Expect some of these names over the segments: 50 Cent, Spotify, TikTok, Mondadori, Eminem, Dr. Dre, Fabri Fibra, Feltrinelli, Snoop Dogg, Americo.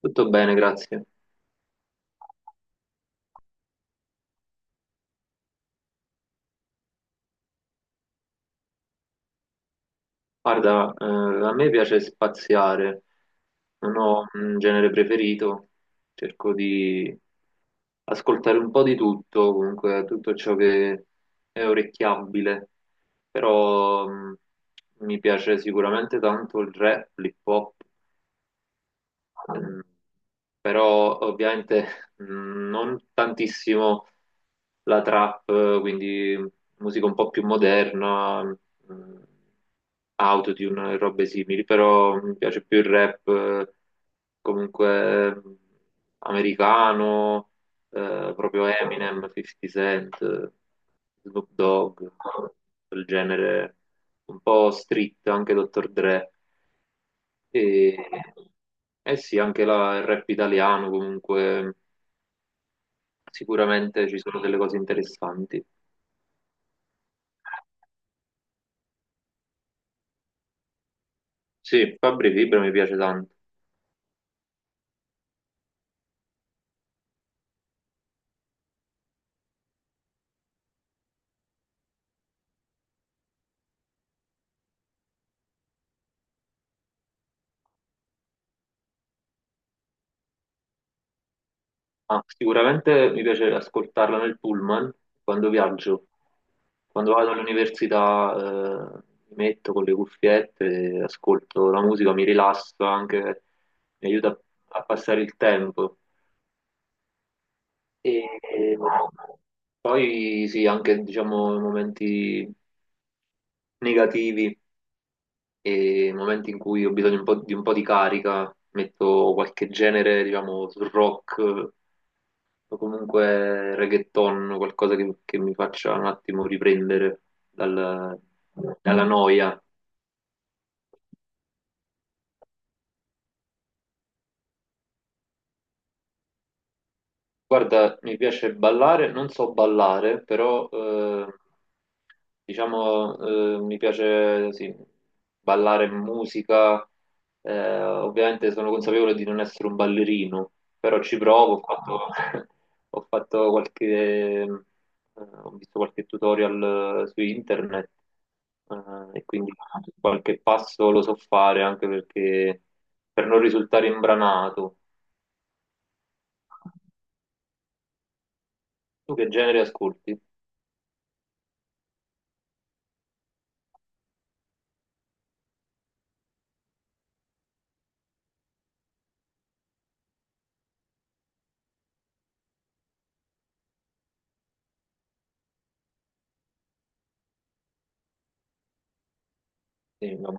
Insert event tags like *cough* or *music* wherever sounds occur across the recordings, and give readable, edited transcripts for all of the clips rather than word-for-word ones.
Tutto bene, grazie. Guarda, a me piace spaziare, non ho un genere preferito, cerco di ascoltare un po' di tutto, comunque tutto ciò che è orecchiabile, però mi piace sicuramente tanto il rap, l'hip hop. Mm, Però ovviamente non tantissimo la trap, quindi musica un po' più moderna, autotune e robe simili, però mi piace più il rap comunque americano, proprio Eminem, 50 Cent, Snoop Dogg, quel genere un po' street, anche Dr. Dre. E, eh sì, anche il rap italiano comunque sicuramente ci sono delle cose interessanti. Sì, Fabri Fibra mi piace tanto. Ah, sicuramente mi piace ascoltarla nel pullman quando viaggio. Quando vado all'università mi metto con le cuffiette, ascolto la musica, mi rilasso anche, mi aiuta a passare il tempo. E poi sì, anche diciamo momenti negativi. E nei momenti in cui ho bisogno un po' di carica metto qualche genere, diciamo, sul rock o comunque reggaeton, qualcosa che mi faccia un attimo riprendere dal- dalla noia. Guarda, mi piace ballare, non so ballare, però diciamo mi piace sì, ballare musica. Ovviamente sono consapevole di non essere un ballerino, però ci provo. Ho fatto, *laughs* ho fatto qualche, eh, ho visto qualche tutorial su internet, e quindi qualche passo lo so fare, anche perché per non risultare imbranato. Tu che genere ascolti? Sì, vabbè.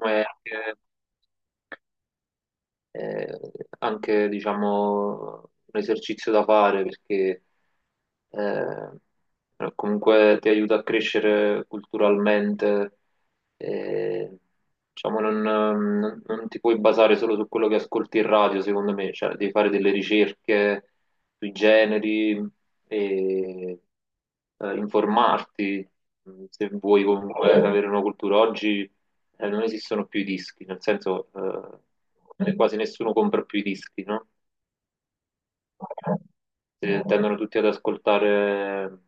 Come anche, eh, anche, diciamo, un esercizio da fare, perché comunque ti aiuta a crescere culturalmente, eh, diciamo, non ti puoi basare solo su quello che ascolti in radio, secondo me, cioè devi fare delle ricerche sui generi e informarti se vuoi comunque avere una cultura oggi. Eh, non esistono più i dischi, nel senso quasi nessuno compra più i dischi, no? Tendono tutti ad ascoltare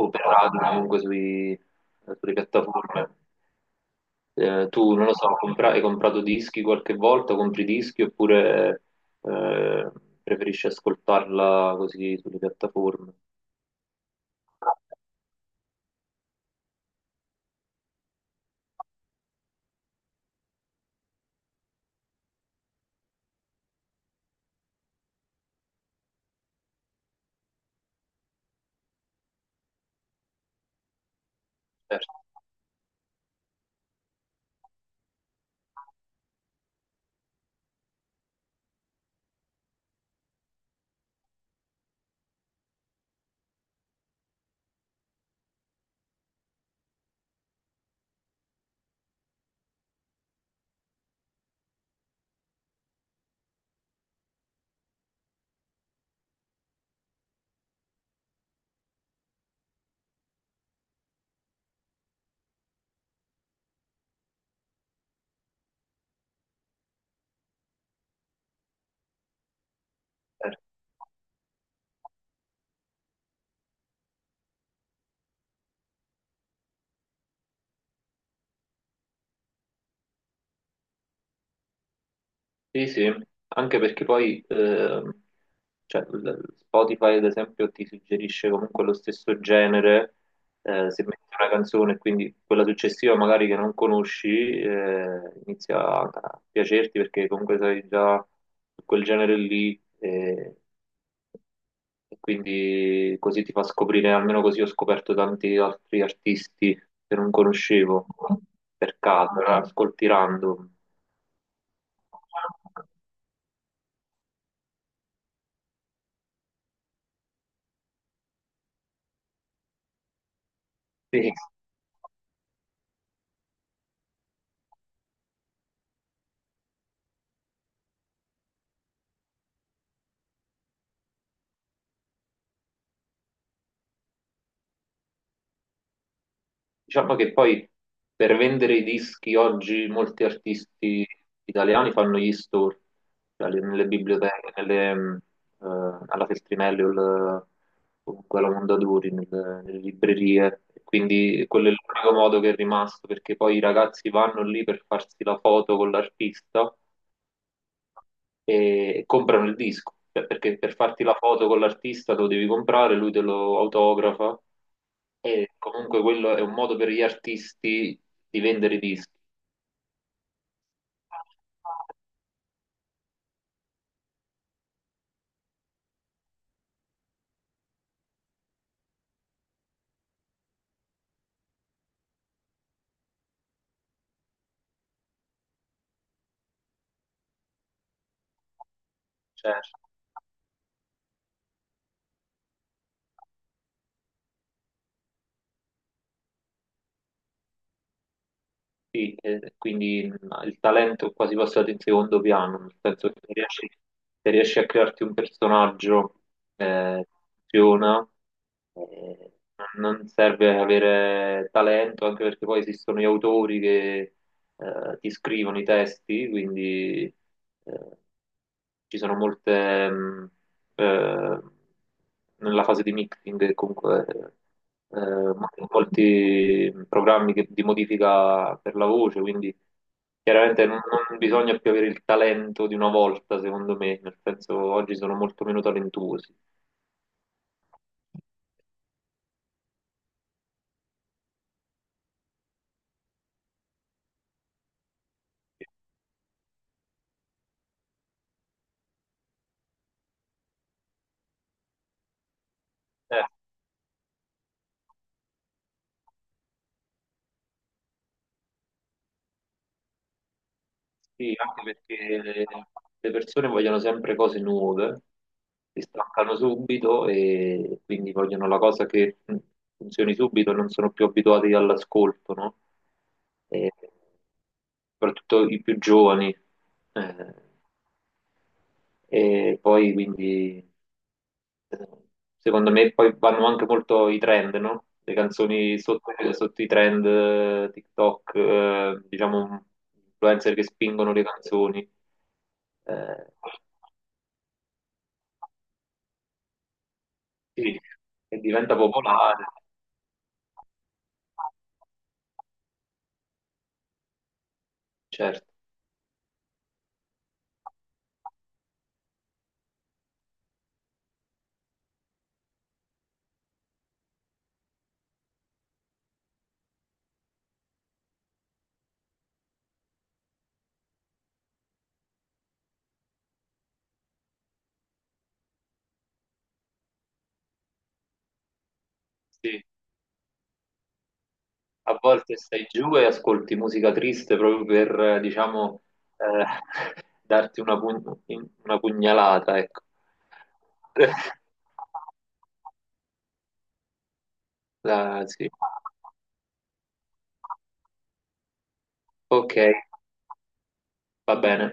o per radio, comunque sulle piattaforme. Tu, non lo so, hai comprato dischi qualche volta, compri dischi oppure eh, preferisci ascoltarla così sulle piattaforme? Certo, certo. Sì, sì, anche perché poi cioè, Spotify, ad esempio, ti suggerisce comunque lo stesso genere, se metti una canzone, quindi quella successiva magari che non conosci, inizia a piacerti perché comunque sei già su quel genere lì, e, e quindi così ti fa scoprire, almeno così ho scoperto tanti altri artisti che non conoscevo per caso, era ascolti random. Sì. Diciamo che poi per vendere i dischi oggi molti artisti italiani fanno gli store, cioè nelle biblioteche, eh, alla Feltrinelli o, comunque alla Mondadori, nelle librerie. Quindi quello è l'unico modo che è rimasto, perché poi i ragazzi vanno lì per farsi la foto con l'artista e comprano il disco. Cioè, perché per farti la foto con l'artista lo devi comprare, lui te lo autografa e comunque quello è un modo per gli artisti di vendere i dischi. Certo. Sì, quindi il talento è quasi passato in secondo piano, nel senso che se riesci a crearti un personaggio eh, funziona, eh, non serve avere talento, anche perché poi esistono gli autori che ti scrivono i testi, quindi eh, ci sono molte, eh, nella fase di mixing, comunque eh, mancano molti programmi di modifica per la voce, quindi chiaramente non bisogna più avere il talento di una volta, secondo me, nel senso oggi sono molto meno talentuosi. Eh, Sì, anche perché le persone vogliono sempre cose nuove, si stancano subito e quindi vogliono la cosa che funzioni subito, non sono più abituati all'ascolto, no? E soprattutto i più giovani. Eh, e poi quindi, secondo me poi vanno anche molto i trend, no? Le canzoni sotto i trend, TikTok, diciamo, influencer che spingono le canzoni. Eh, sì, e diventa popolare, certo. Sì. A volte stai giù e ascolti musica triste proprio per, diciamo, eh, *laughs* darti una, una pugnalata, ecco. *laughs* Ah, sì. Ok, va bene.